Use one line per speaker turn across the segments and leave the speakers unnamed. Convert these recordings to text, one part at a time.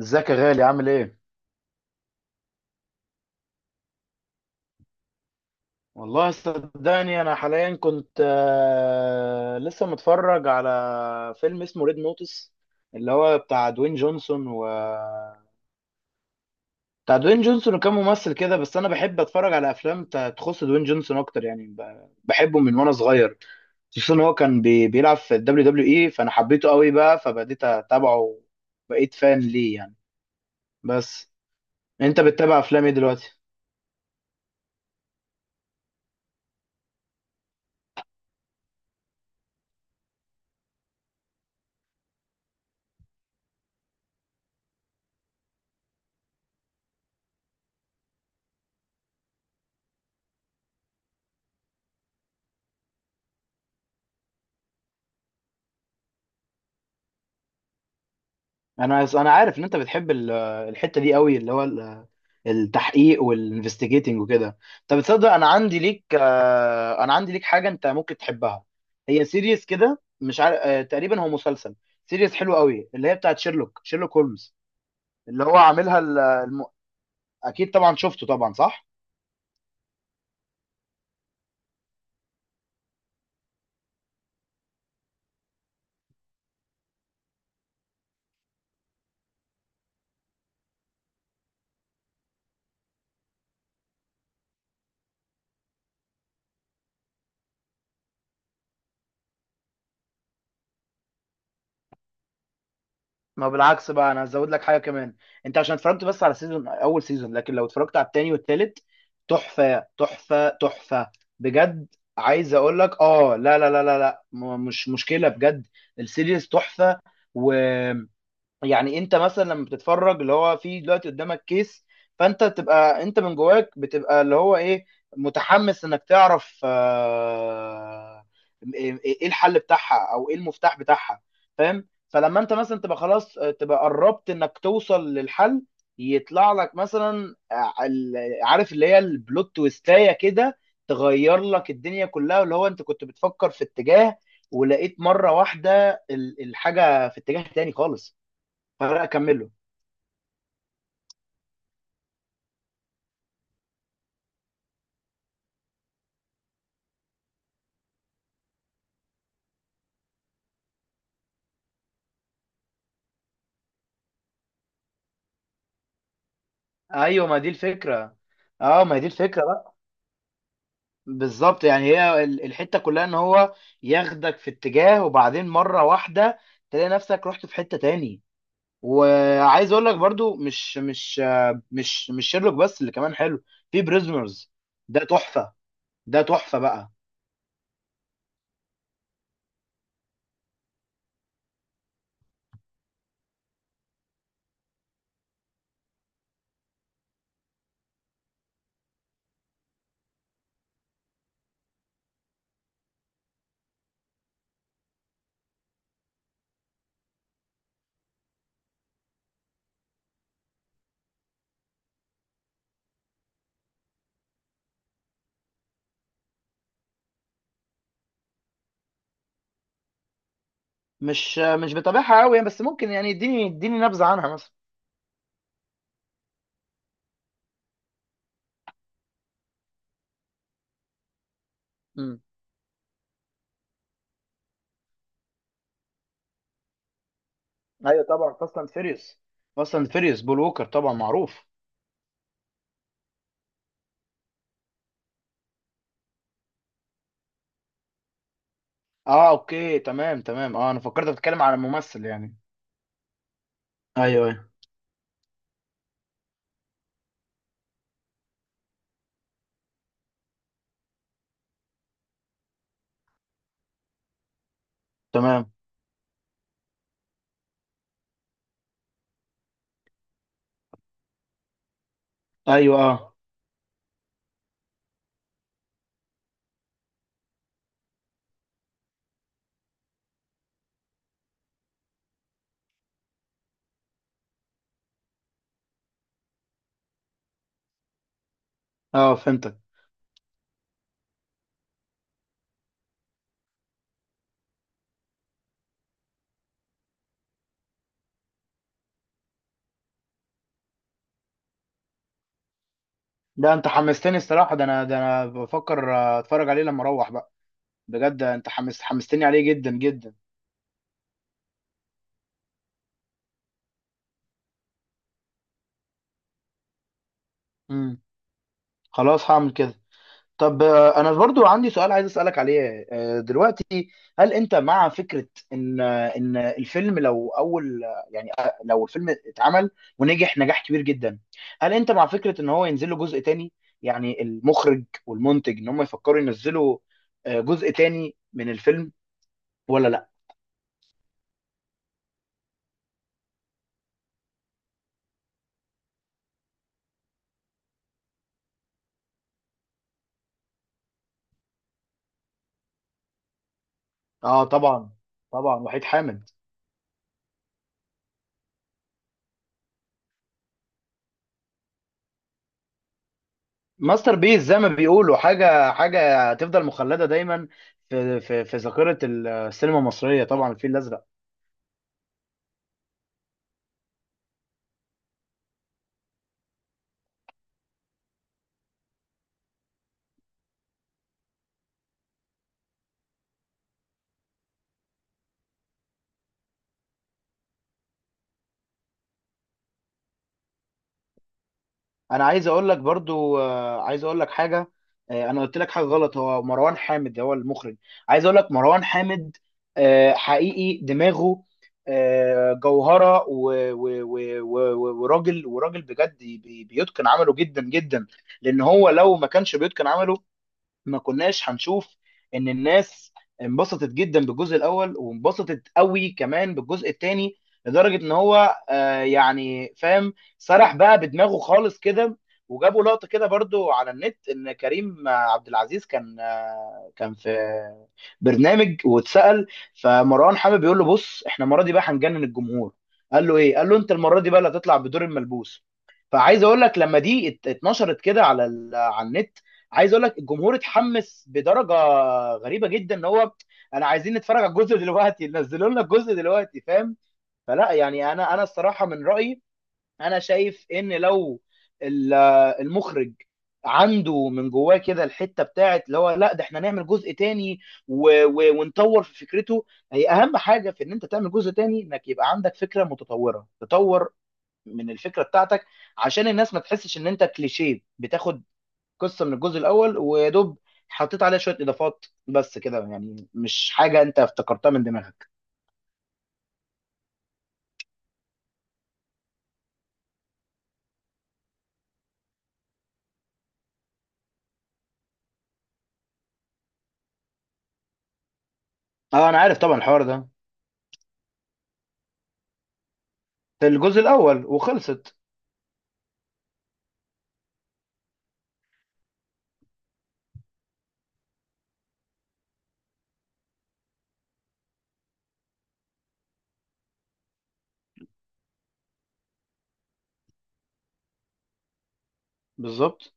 ازيك يا غالي؟ عامل ايه؟ والله صدقني انا حاليا كنت لسه متفرج على فيلم اسمه ريد نوتس اللي هو بتاع دوين جونسون و بتاع دوين جونسون وكام ممثل كده. بس انا بحب اتفرج على افلام تخص دوين جونسون اكتر، يعني بحبه من وانا صغير، خصوصا ان هو كان بيلعب في الدبليو دبليو اي، فانا حبيته قوي بقى فبديت اتابعه، بقيت فان ليه يعني. بس انت بتتابع افلام ايه دلوقتي؟ انا عارف ان انت بتحب الحتة دي قوي، اللي هو التحقيق والانفستيجيتنج وكده. طب تصدق انا عندي ليك انا عندي ليك حاجه انت ممكن تحبها. هي سيريز كده، مش عارف، تقريبا هو مسلسل. سيريز حلو قوي اللي هي بتاعت شيرلوك هولمز، اللي هو عاملها اكيد طبعا شفته طبعا، صح. ما بالعكس بقى، انا هزود لك حاجه كمان. انت عشان اتفرجت بس على سيزون، اول سيزون، لكن لو اتفرجت على التاني والتالت، تحفه تحفه تحفه بجد. عايز اقول لك، اه لا لا لا لا لا، مش مشكله بجد. السيريز تحفه. و يعني انت مثلا لما بتتفرج، اللي هو في دلوقتي قدامك كيس، فانت تبقى انت من جواك بتبقى اللي هو ايه، متحمس انك تعرف، ايه إيه الحل بتاعها او ايه المفتاح بتاعها، فاهم؟ فلما انت مثلا تبقى خلاص، تبقى قربت انك توصل للحل، يطلع لك مثلا، عارف اللي هي البلوت تويستاية كده، تغير لك الدنيا كلها، اللي هو انت كنت بتفكر في اتجاه ولقيت مرة واحدة الحاجة في اتجاه تاني خالص. فرق اكمله. ايوه ما دي الفكره. اه ما دي الفكره بقى، بالظبط. يعني هي الحته كلها ان هو ياخدك في اتجاه وبعدين مره واحده تلاقي نفسك رحت في حته تاني. وعايز اقول لك برضو، مش مش آه، مش مش شيرلوك بس اللي كمان حلو، في بريزنرز. ده تحفه، ده تحفه بقى. مش بتابعها قوي، بس ممكن يعني اديني نبذه عنها مثلا. امم. ايوه طبعا، فاست اند فيريوس، فاست اند فيريوس، بول ووكر طبعا معروف. اه اوكي، تمام تمام. اه انا فكرت بتتكلم على ممثل يعني. ايوه ايوه. تمام. ايوه اه. اه فهمتك. ده انت حمستني الصراحه، ده انا، ده انا بفكر اتفرج عليه لما اروح بقى. بجد انت حمستني عليه جدا جدا. امم. خلاص هعمل كده. طب، انا برضو عندي سؤال عايز اسالك عليه دلوقتي. هل انت مع فكره ان الفيلم لو اول، يعني لو الفيلم اتعمل ونجح نجاح كبير جدا، هل انت مع فكره ان هو ينزل له جزء تاني؟ يعني المخرج والمنتج ان هم يفكروا ينزلوا جزء تاني من الفيلم، ولا لا؟ اه طبعا. طبعا وحيد حامد. ماستر بيس زي ما بيقولوا، حاجه حاجه تفضل مخلده دايما في في ذاكره السينما المصريه طبعا، الفيل الازرق. انا عايز اقول لك برضو، عايز اقول لك حاجه. انا قلت لك حاجه غلط، هو مروان حامد هو المخرج. عايز اقول لك مروان حامد حقيقي دماغه جوهره، وراجل، وراجل بجد بيتقن عمله جدا جدا. لان هو لو ما كانش بيتقن عمله ما كناش هنشوف ان الناس انبسطت جدا بالجزء الاول وانبسطت قوي كمان بالجزء الثاني، لدرجه ان هو آه يعني، فاهم، سرح بقى بدماغه خالص كده. وجابوا لقطه كده برضو على النت ان كريم عبد العزيز كان، آه كان في برنامج واتسال، فمروان حامد بيقول له: بص احنا المره دي بقى هنجنن الجمهور. قال له ايه؟ قال له: انت المره دي بقى اللي هتطلع بدور الملبوس. فعايز اقول لك لما دي اتنشرت كده على على النت، عايز اقول لك الجمهور اتحمس بدرجه غريبه جدا، ان هو انا عايزين نتفرج على الجزء دلوقتي، نزلوا لنا الجزء دلوقتي، فاهم؟ فلا يعني، انا انا الصراحه من رايي، انا شايف ان لو ال- المخرج عنده من جواه كده الحته بتاعت اللي هو لا ده احنا نعمل جزء تاني ونطور في فكرته. هي اهم حاجه في ان انت تعمل جزء تاني انك يبقى عندك فكره متطوره، تطور من الفكره بتاعتك، عشان الناس ما تحسش ان انت كليشيه، بتاخد قصه من الجزء الاول ويا دوب حطيت عليها شويه اضافات بس كده، يعني مش حاجه انت افتكرتها من دماغك. اه انا عارف طبعا الحوار ده. في الجزء الاول وخلصت. بالظبط.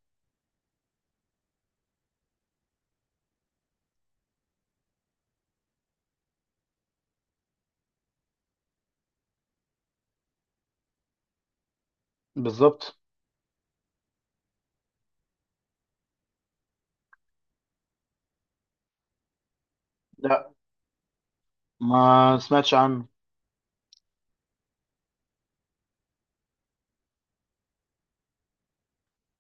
بالظبط. لا، ما سمعتش عنه.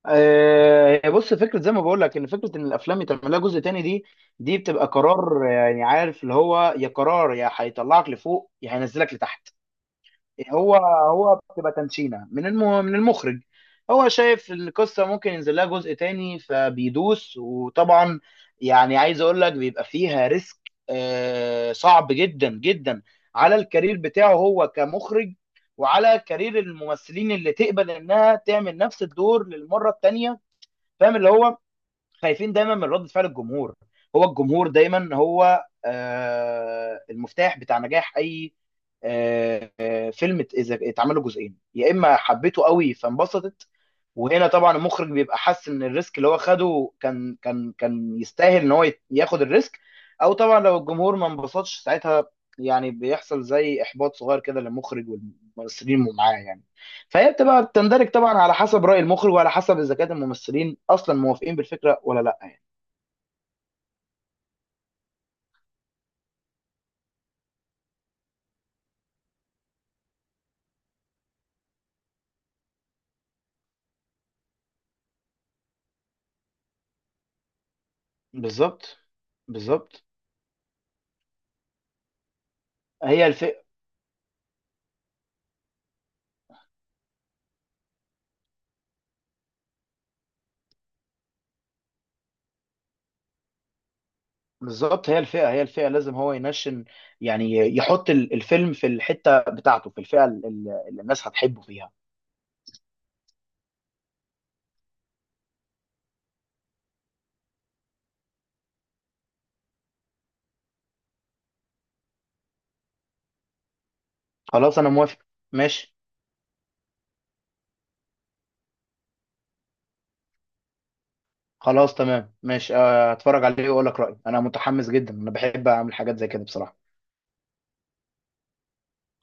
آه بص، فكره زي ما بقول لك، ان فكره ان الافلام يتعمل لها جزء تاني دي، دي بتبقى قرار. يعني عارف اللي هو، يا قرار يا هيطلعك لفوق يا هينزلك لتحت. هو هو بتبقى تنشينه من من المخرج، هو شايف ان القصه ممكن ينزل لها جزء تاني فبيدوس. وطبعا يعني عايز اقول لك بيبقى فيها ريسك، آه صعب جدا جدا على الكارير بتاعه هو كمخرج، وعلى كارير الممثلين اللي تقبل انها تعمل نفس الدور للمره التانيه. فاهم اللي هو خايفين دايما من رد فعل الجمهور. هو الجمهور دايما هو المفتاح بتاع نجاح اي فيلم. اذا اتعمل له جزئين، يا اما حبيته قوي فانبسطت، وهنا طبعا المخرج بيبقى حاسس ان الريسك اللي هو خده كان، كان يستاهل ان هو ياخد الريسك. او طبعا لو الجمهور ما انبسطش، ساعتها يعني بيحصل زي احباط صغير كده للمخرج والممثلين اللي معاه يعني. فهي بتبقى بتندرج طبعا على حسب رأي المخرج، وعلى حسب اذا كان الممثلين اصلا موافقين بالفكره ولا لا يعني. بالظبط. بالظبط هي الفئه. بالظبط هي الفئه، هي الفئه لازم هو ينشن، يعني يحط الفيلم في الحته بتاعته، في الفئه اللي الناس هتحبه فيها. خلاص انا موافق، ماشي. خلاص تمام ماشي، هتفرج عليه واقول لك رأيي. انا متحمس جدا، انا بحب اعمل حاجات زي كده بصراحه.